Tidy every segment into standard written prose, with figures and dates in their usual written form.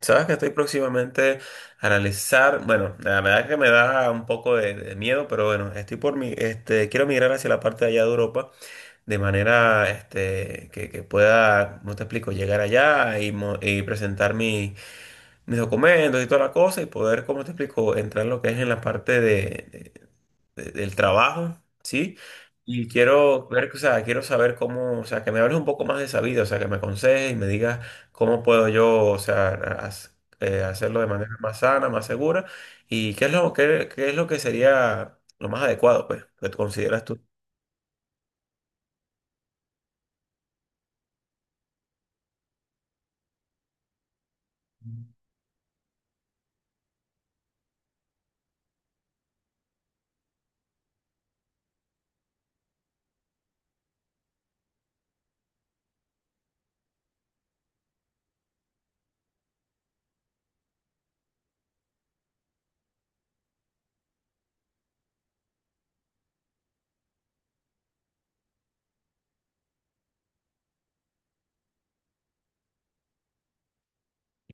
Sabes que estoy próximamente a analizar, bueno, la verdad que me da un poco de miedo, pero bueno, estoy por mi, quiero migrar hacia la parte de allá de Europa, de manera, que pueda, no te explico, llegar allá y, y presentar mis documentos y toda la cosa y poder, como te explico, entrar en lo que es en la parte del trabajo, ¿sí? Y quiero ver, o sea, quiero saber cómo, o sea, que me hables un poco más de esa vida, o sea, que me aconsejes y me digas cómo puedo yo, o sea, hacerlo de manera más sana, más segura y qué es lo, qué, qué es lo que sería lo más adecuado, pues, que tú consideras tú.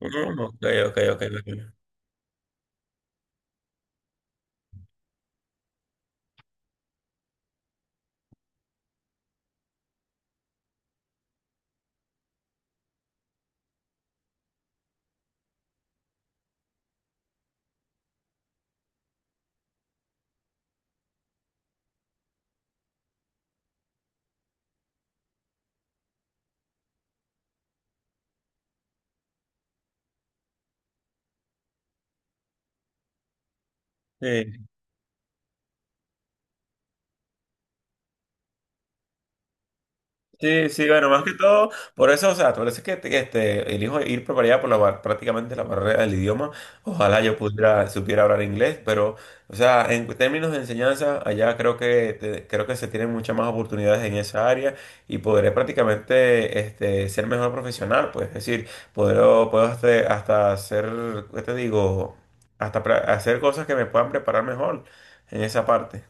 Mm, ok, ok, ok. Ok. Sí. Sí, sí, bueno, más que todo, por eso, o sea, por eso es que elijo ir por allá por la, prácticamente la barrera del idioma. Ojalá yo pudiera, supiera hablar inglés, pero, o sea, en términos de enseñanza, allá creo que, creo que se tienen muchas más oportunidades en esa área y podré prácticamente ser mejor profesional, pues, es decir, puedo hasta, hasta hacer, ¿qué te digo? Hacer cosas que me puedan preparar mejor en esa parte.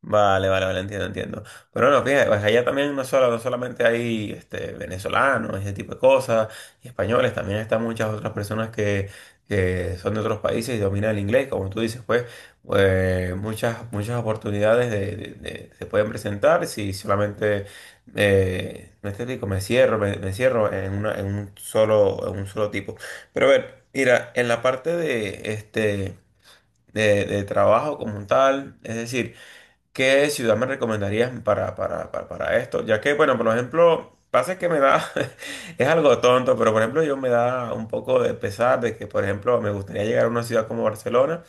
Vale, vale, vale, entiendo, entiendo. Pero bueno, fíjate, pues allá también no solamente hay este, venezolanos, ese tipo de cosas, y españoles, también están muchas otras personas que son de otros países y dominan el inglés, como tú dices, pues, pues muchas, muchas oportunidades se pueden presentar si solamente me explico, me cierro en una, en un solo tipo. Pero a ver, mira, en la parte de este de trabajo como tal, es decir, ¿qué ciudad me recomendarías para esto? Ya que, bueno, por ejemplo, pasa que me da, es algo tonto, pero por ejemplo, yo me da un poco de pesar de que, por ejemplo, me gustaría llegar a una ciudad como Barcelona,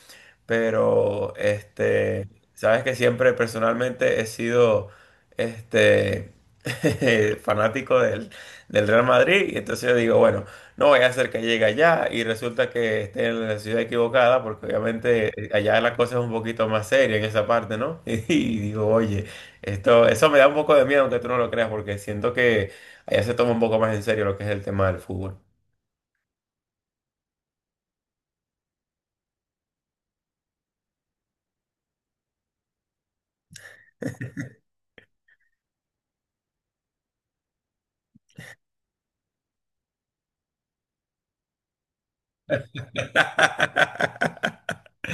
pero, sabes que siempre personalmente he sido, este, fanático del, del Real Madrid, y entonces yo digo, bueno, no, ella cerca llega allá y resulta que esté en la ciudad equivocada, porque obviamente allá la cosa es un poquito más seria en esa parte, ¿no? Y, digo, oye, esto, eso me da un poco de miedo, aunque tú no lo creas, porque siento que allá se toma un poco más en serio lo que es el tema del fútbol.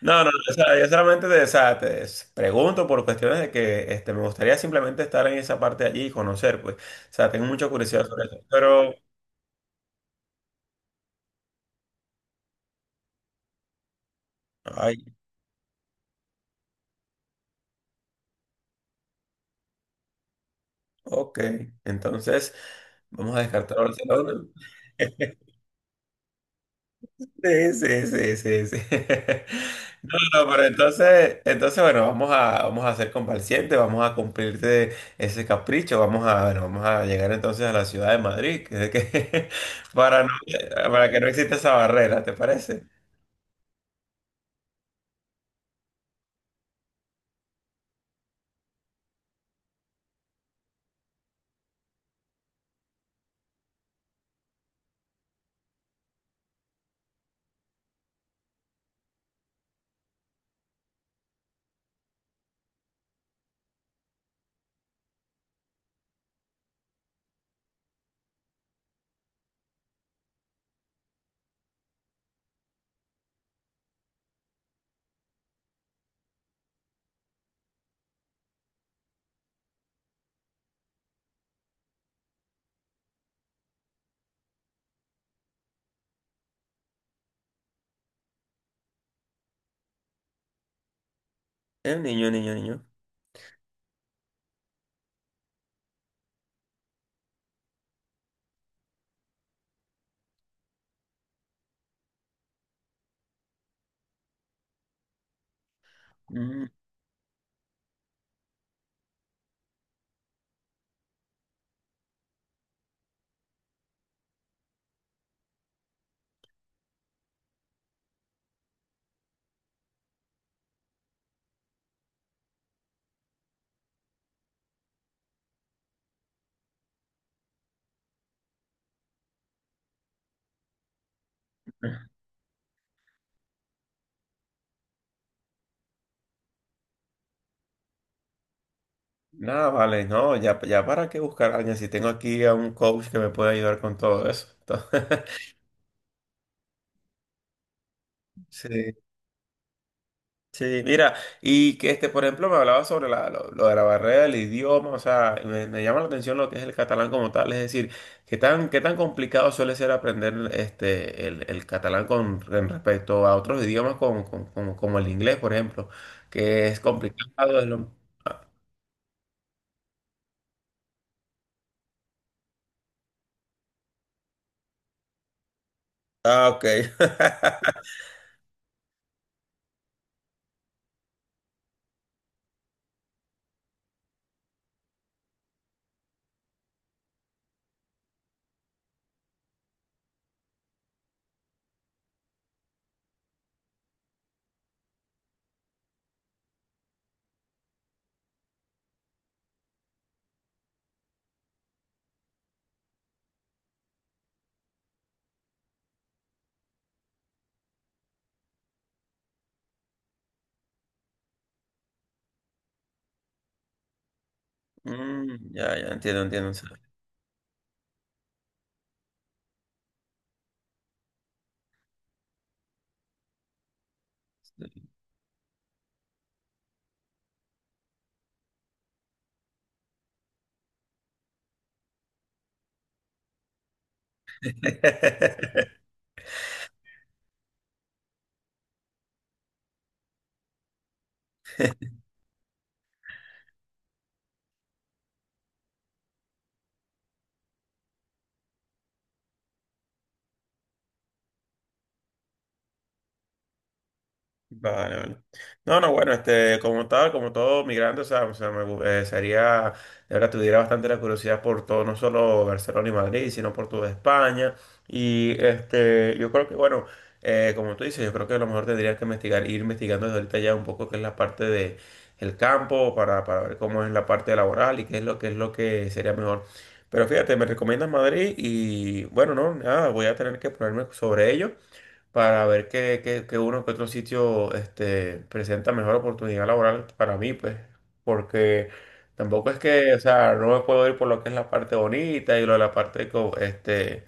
No, no, o sea, yo solamente te, o sea, pregunto por cuestiones de que este, me gustaría simplemente estar en esa parte de allí y conocer, pues, o sea, tengo mucha curiosidad sobre eso, pero... Ok, entonces vamos a descartar Barcelona. Sí, sí, sí, sí, sí. No, no, pero entonces, bueno, vamos a ser complacientes, vamos a cumplirte ese capricho, vamos a, bueno, vamos a llegar entonces a la ciudad de Madrid, para no, para que no exista esa barrera, ¿te parece? El niño, niño, niño. Mm, nada, vale, no, ya, ya para qué buscar a alguien si tengo aquí a un coach que me puede ayudar con todo eso. Sí. Sí, mira, y que este, por ejemplo, me hablaba sobre lo de la barrera del idioma, o sea, me llama la atención lo que es el catalán como tal, es decir, qué tan complicado suele ser aprender este, el catalán con, en respecto a otros idiomas como el inglés, por ejemplo, que es complicado. Ah, ok. Mm, ya, ya, entiendo, entiendo. Vale, vale. No, no, bueno, este, como tal, como todo migrante, o sea, sería, de verdad, tuviera bastante la curiosidad por todo, no solo Barcelona y Madrid, sino por toda España. Y este, yo creo que, bueno, como tú dices, yo creo que a lo mejor tendrías que investigar, ir investigando desde ahorita ya un poco qué es la parte de el campo para ver cómo es la parte laboral y qué es lo que sería mejor. Pero fíjate, me recomiendas Madrid y bueno, no, nada, voy a tener que ponerme sobre ello para ver qué uno que otro sitio este, presenta mejor oportunidad laboral para mí, pues, porque tampoco es que, o sea, no me puedo ir por lo que es la parte bonita y lo de la parte este,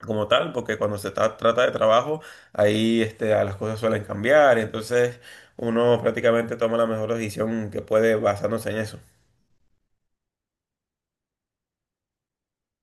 como tal, porque cuando trata de trabajo, ahí este, a las cosas suelen cambiar, entonces uno prácticamente toma la mejor decisión que puede basándose en eso.